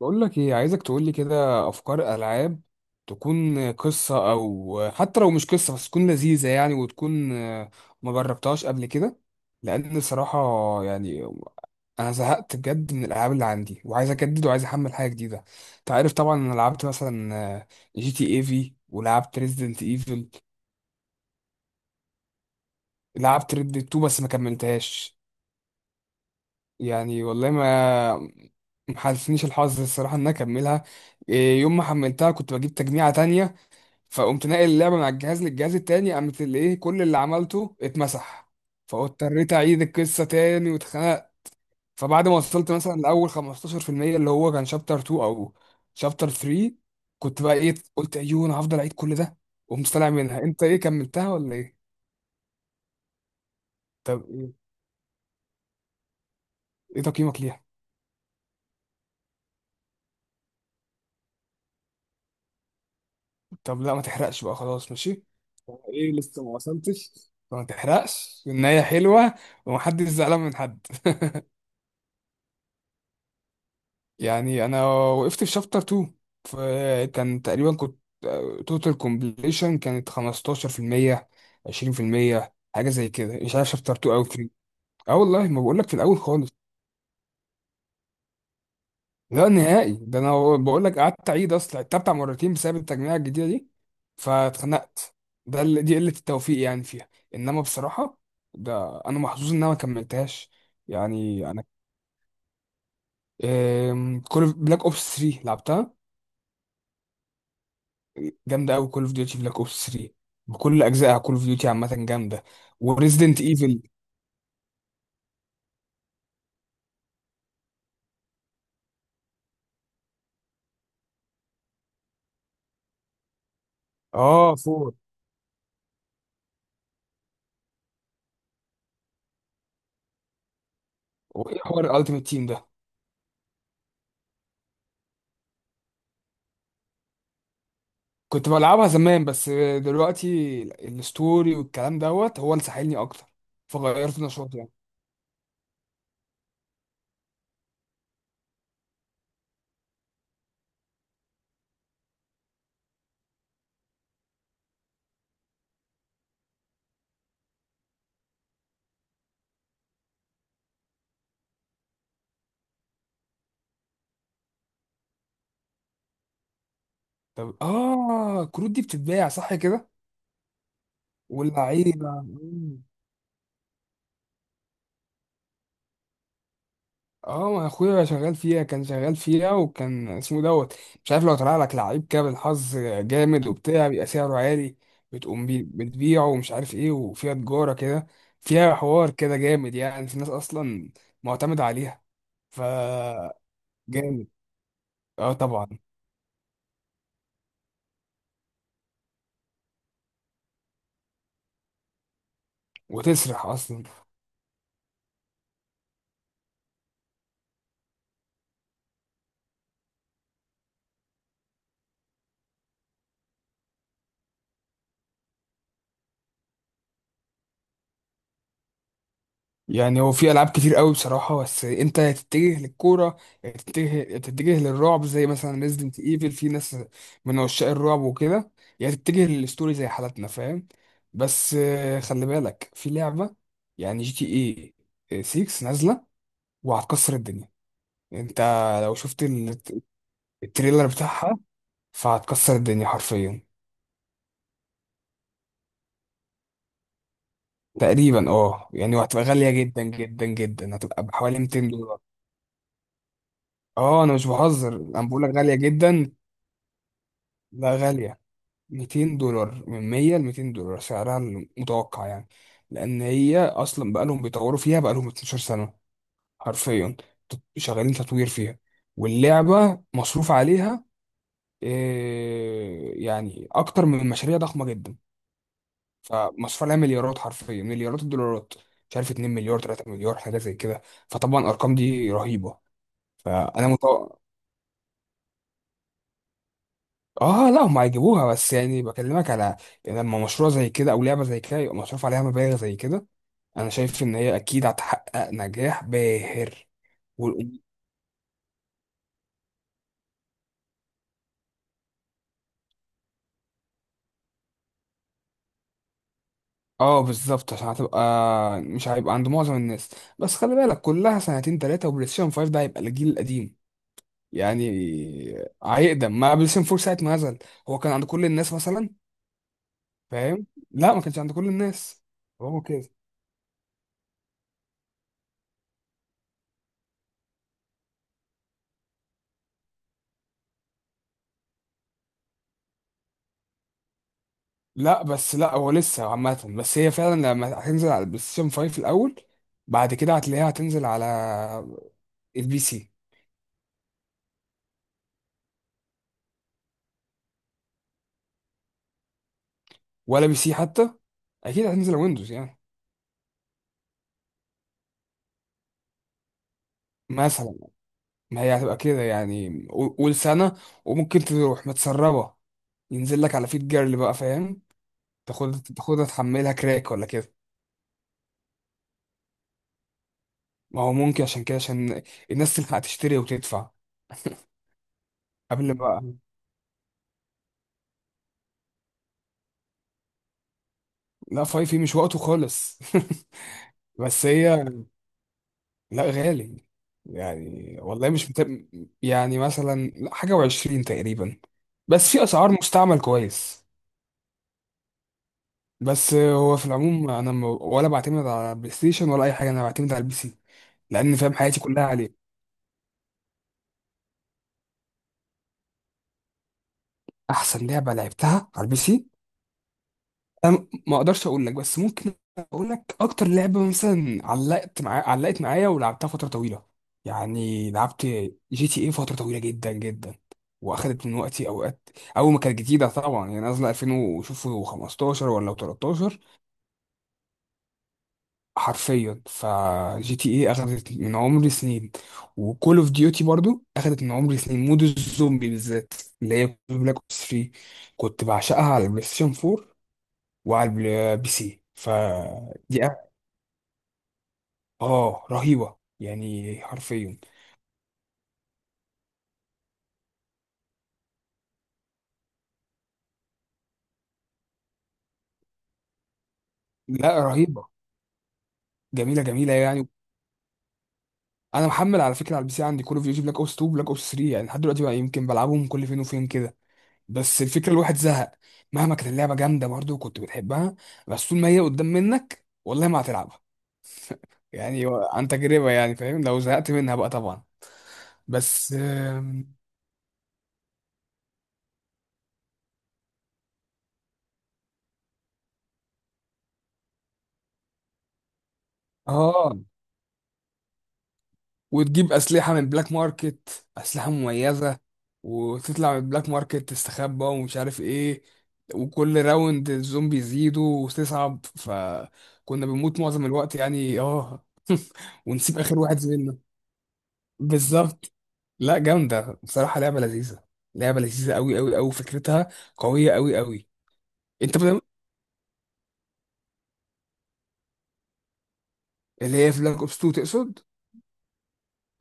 بقول لك ايه، عايزك تقول لي كده افكار العاب تكون قصه، او حتى لو مش قصه بس تكون لذيذه وتكون ما جربتهاش قبل كده. لان صراحه، يعني انا زهقت بجد من الالعاب اللي عندي وعايز اجدد وعايز احمل حاجه جديده. انت عارف طبعا انا لعبت مثلا جي تي اي في ولعبت ريزيدنت ايفل. لعبت ريد 2 بس ما كملتهاش. والله ما محالفنيش الحظ الصراحه ان انا اكملها. يوم ما حملتها كنت بجيب تجميعة تانية، فقمت ناقل اللعبه من على الجهاز للجهاز التاني، قامت اللي ايه، كل اللي عملته اتمسح. فاضطريت اعيد القصه تاني واتخنقت. فبعد ما وصلت مثلا لاول 15%، اللي هو كان شابتر 2 او شابتر 3، كنت بقى ايه، قلت ايوه انا هفضل اعيد كل ده؟ وقمت طالع منها. انت ايه، كملتها ولا ايه؟ طب ايه، ايه تقييمك ليها؟ طب لا ما تحرقش بقى، خلاص ماشي. طب ايه، لسه ما وصلتش، ما تحرقش النهايه حلوه ومحدش زعلان من حد. انا وقفت في شابتر 2، فكان تقريبا كنت توتال كومبليشن كانت 15% 20%، حاجه زي كده، مش عارف شابتر 2 او 3. اه والله، ما بقول لك، في الاول خالص. لا نهائي، ده انا بقول لك قعدت اعيد، اصلا عدتها بتاع مرتين بسبب التجميع الجديده دي. فاتخنقت. ده اللي دي قله التوفيق فيها، انما بصراحه، ده انا محظوظ ان انا ما كملتهاش. انا كل بلاك اوبس 3 لعبتها، جامده قوي. كول اوف ديوتي بلاك اوبس 3 بكل اجزائها، كول اوف ديوتي عامه جامده. وريزيدنت ايفل. اه 4. وايه حوار الالتيميت تيم ده؟ كنت بلعبها زمان، بس دلوقتي الستوري والكلام دوت هو اللي ساحلني اكتر. فغيرت نشاطي طب اه، كروت دي بتتباع صح كده؟ واللعيبه. اه، ما اخويا شغال فيها، كان شغال فيها، وكان اسمه دوت، مش عارف، لو طلع لك لعيب كده بالحظ جامد وبتاع، بيبقى سعره عالي. بتبيعه ومش عارف ايه، وفيها تجارة كده. فيها حوار كده جامد، في ناس اصلا معتمدة عليها. ف جامد. اه طبعا. وتسرح اصلا. هو في العاب كتير قوي بصراحه، بس انت يا تتجه للكوره، يا تتجه للرعب زي مثلا ريزدنت ايفل، في ناس من عشاق الرعب وكده، يا تتجه للستوري زي حالتنا، فاهم. بس خلي بالك، في لعبه جي تي اي 6 نازله، وهتكسر الدنيا. انت لو شفت التريلر بتاعها، فهتكسر الدنيا حرفيا. تقريبا اه، وهتبقى غاليه جدا جدا جدا، هتبقى بحوالي 200 دولار. اه انا مش بهزر، انا بقول لك غاليه جدا. لا غالية، 200 دولار، من 100 ل 200 دولار سعرها المتوقع لأن هي أصلا بقالهم بيطوروا فيها، بقالهم 12 سنة حرفيا. شغالين تطوير فيها. واللعبة مصروف عليها، أكتر من مشاريع ضخمة جدا. فمصروف عليها مليارات، حرفيا مليارات الدولارات. مش عارف، 2 مليار 3 مليار حاجة زي كده. فطبعا الأرقام دي رهيبة. فأنا متوقع. اه لا، هم هيجيبوها، بس بكلمك على، لما مشروع زي كده او لعبه زي كده يبقى مصروف عليها مبالغ زي كده، انا شايف ان هي اكيد هتحقق نجاح باهر. والأم- اه بالظبط، عشان هتبقى، مش هيبقى عند معظم الناس. بس خلي بالك، كلها سنتين ثلاثه وبلاي ستيشن 5 ده هيبقى الجيل القديم. يعني هيقدم ما بلاي ستيشن 4 ساعه ما نزل، هو كان عند كل الناس مثلا، فاهم؟ لا ما كانش عند كل الناس. هو كده. لا بس، لا هو لسه عامة، بس هي فعلا لما هتنزل على البلاي ستيشن 5 الأول، بعد كده هتلاقيها هتنزل على البي سي. ولا بي سي حتى، أكيد هتنزل على ويندوز مثلا، ما هي هتبقى كده، قول سنة وممكن تروح متسربة، ينزل لك على فيت جيرل بقى، فاهم؟ تاخدها تحملها كراك ولا كده. ما هو ممكن عشان كده، عشان الناس تلحق تشتري وتدفع قبل بقى. لا فايف مش وقته خالص. بس هي، لا غالي. والله مش مثلا لا، حاجة وعشرين تقريبا. بس في أسعار مستعمل كويس. بس هو في العموم، أنا ولا بعتمد على البلاي ستيشن ولا أي حاجة، أنا بعتمد على البي سي. لأن، فاهم، حياتي كلها عليه. أحسن لعبة لعبتها على البي سي، انا ما اقدرش اقول لك، بس ممكن اقول لك اكتر لعبه مثلا علقت معايا ولعبتها فتره طويله. لعبت جي تي اي فتره طويله جدا جدا، واخدت من وقتي اوقات. اول ما كانت جديده طبعا، نازله 2000 وشوفوا، 15 ولا 13، حرفيا. فجي تي اي اخدت من عمري سنين. وكول اوف ديوتي برضو اخدت من عمري سنين، مود الزومبي بالذات، اللي هي بلاك اوبس 3. كنت بعشقها على البلاي ستيشن 4 وعلى بي سي. اه رهيبه، حرفيا. لا رهيبه. جميله جميله انا محمل على فكره على البي سي عندي كول اوف ديوتي بلاك اوبس 2 بلاك اوبس 3، لحد دلوقتي بقى يمكن بلعبهم كل فين وفين كده. بس الفكره، الواحد زهق. مهما كانت اللعبه جامده برضه وكنت بتحبها، بس طول ما هي قدام منك والله ما هتلعبها. يعني عن تجربه، فاهم، لو زهقت منها بقى طبعا. بس اه. وتجيب أسلحة من بلاك ماركت، أسلحة مميزة، وتطلع من البلاك ماركت تستخبى ومش عارف ايه. وكل راوند الزومبي يزيدوا وتصعب، فكنا بنموت معظم الوقت، اه. ونسيب آخر واحد زميلنا. بالظبط. لا جامدة بصراحة، لعبة لذيذة. أوي أوي أوي. فكرتها قوية أوي أوي. أنت بدأ... اللي هي في بلاك أوبس 2 تقصد؟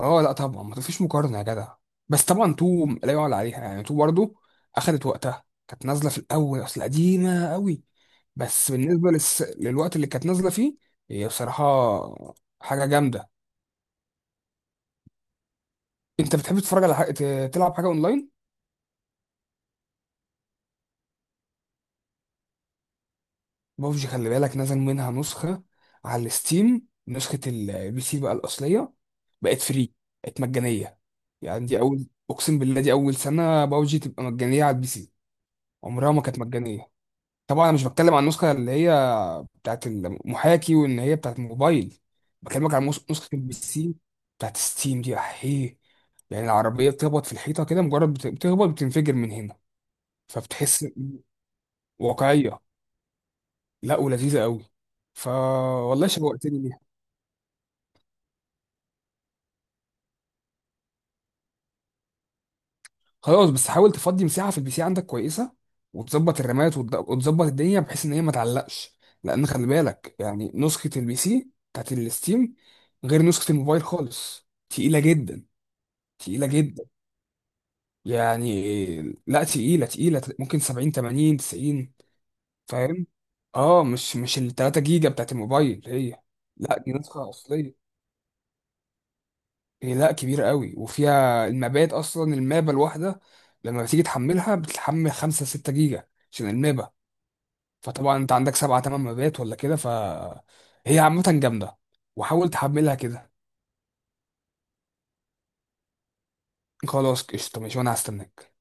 اه لا طبعا، ما فيش مقارنه يا جدع. بس طبعا تو لا يعلى عليها. تو برضو اخدت وقتها، كانت نازله في الاول، اصل قديمه قوي. بس بالنسبه للوقت اللي كانت نازله فيه، هي بصراحه حاجه جامده. انت بتحب تتفرج على تلعب حاجه اونلاين؟ ببجي خلي بالك، نزل منها نسخه على الستيم، نسخه البي سي بقى الاصليه، بقت فري، بقت مجانيه. دي اول، اقسم بالله دي اول سنه ببجي تبقى مجانيه على البي سي، عمرها ما كانت مجانيه. طبعا انا مش بتكلم عن النسخه اللي هي بتاعت المحاكي وان هي بتاعت الموبايل، بكلمك عن نسخه البي سي بتاعت ستيم دي احيه. العربيه بتخبط في الحيطه كده، مجرد بتخبط بتنفجر من هنا. فبتحس، واقعيه. لا ولذيذه قوي. فا والله شوقتني ليها. خلاص، بس حاول تفضي مساحه في البي سي عندك كويسه، وتظبط الرامات وتظبط الدنيا بحيث ان هي ما تعلقش. لان خلي بالك، نسخه البي سي بتاعت الستيم غير نسخه الموبايل خالص، تقيله جدا. تقيلة جدا، يعني لا تقيلة، ممكن 70 80 90، فاهم؟ اه مش ال 3 جيجا بتاعت الموبايل هي. لا دي نسخة أصلية هي، لا كبيرة قوي، وفيها المابات، أصلا المابة الواحدة لما بتيجي تحملها بتحمل 5 6 جيجا عشان المابة. فطبعا أنت عندك 7 8 مابات ولا كده، فهي عامة جامدة. وحاول تحملها كده. خلاص قشطة ماشي، وأنا هستناك.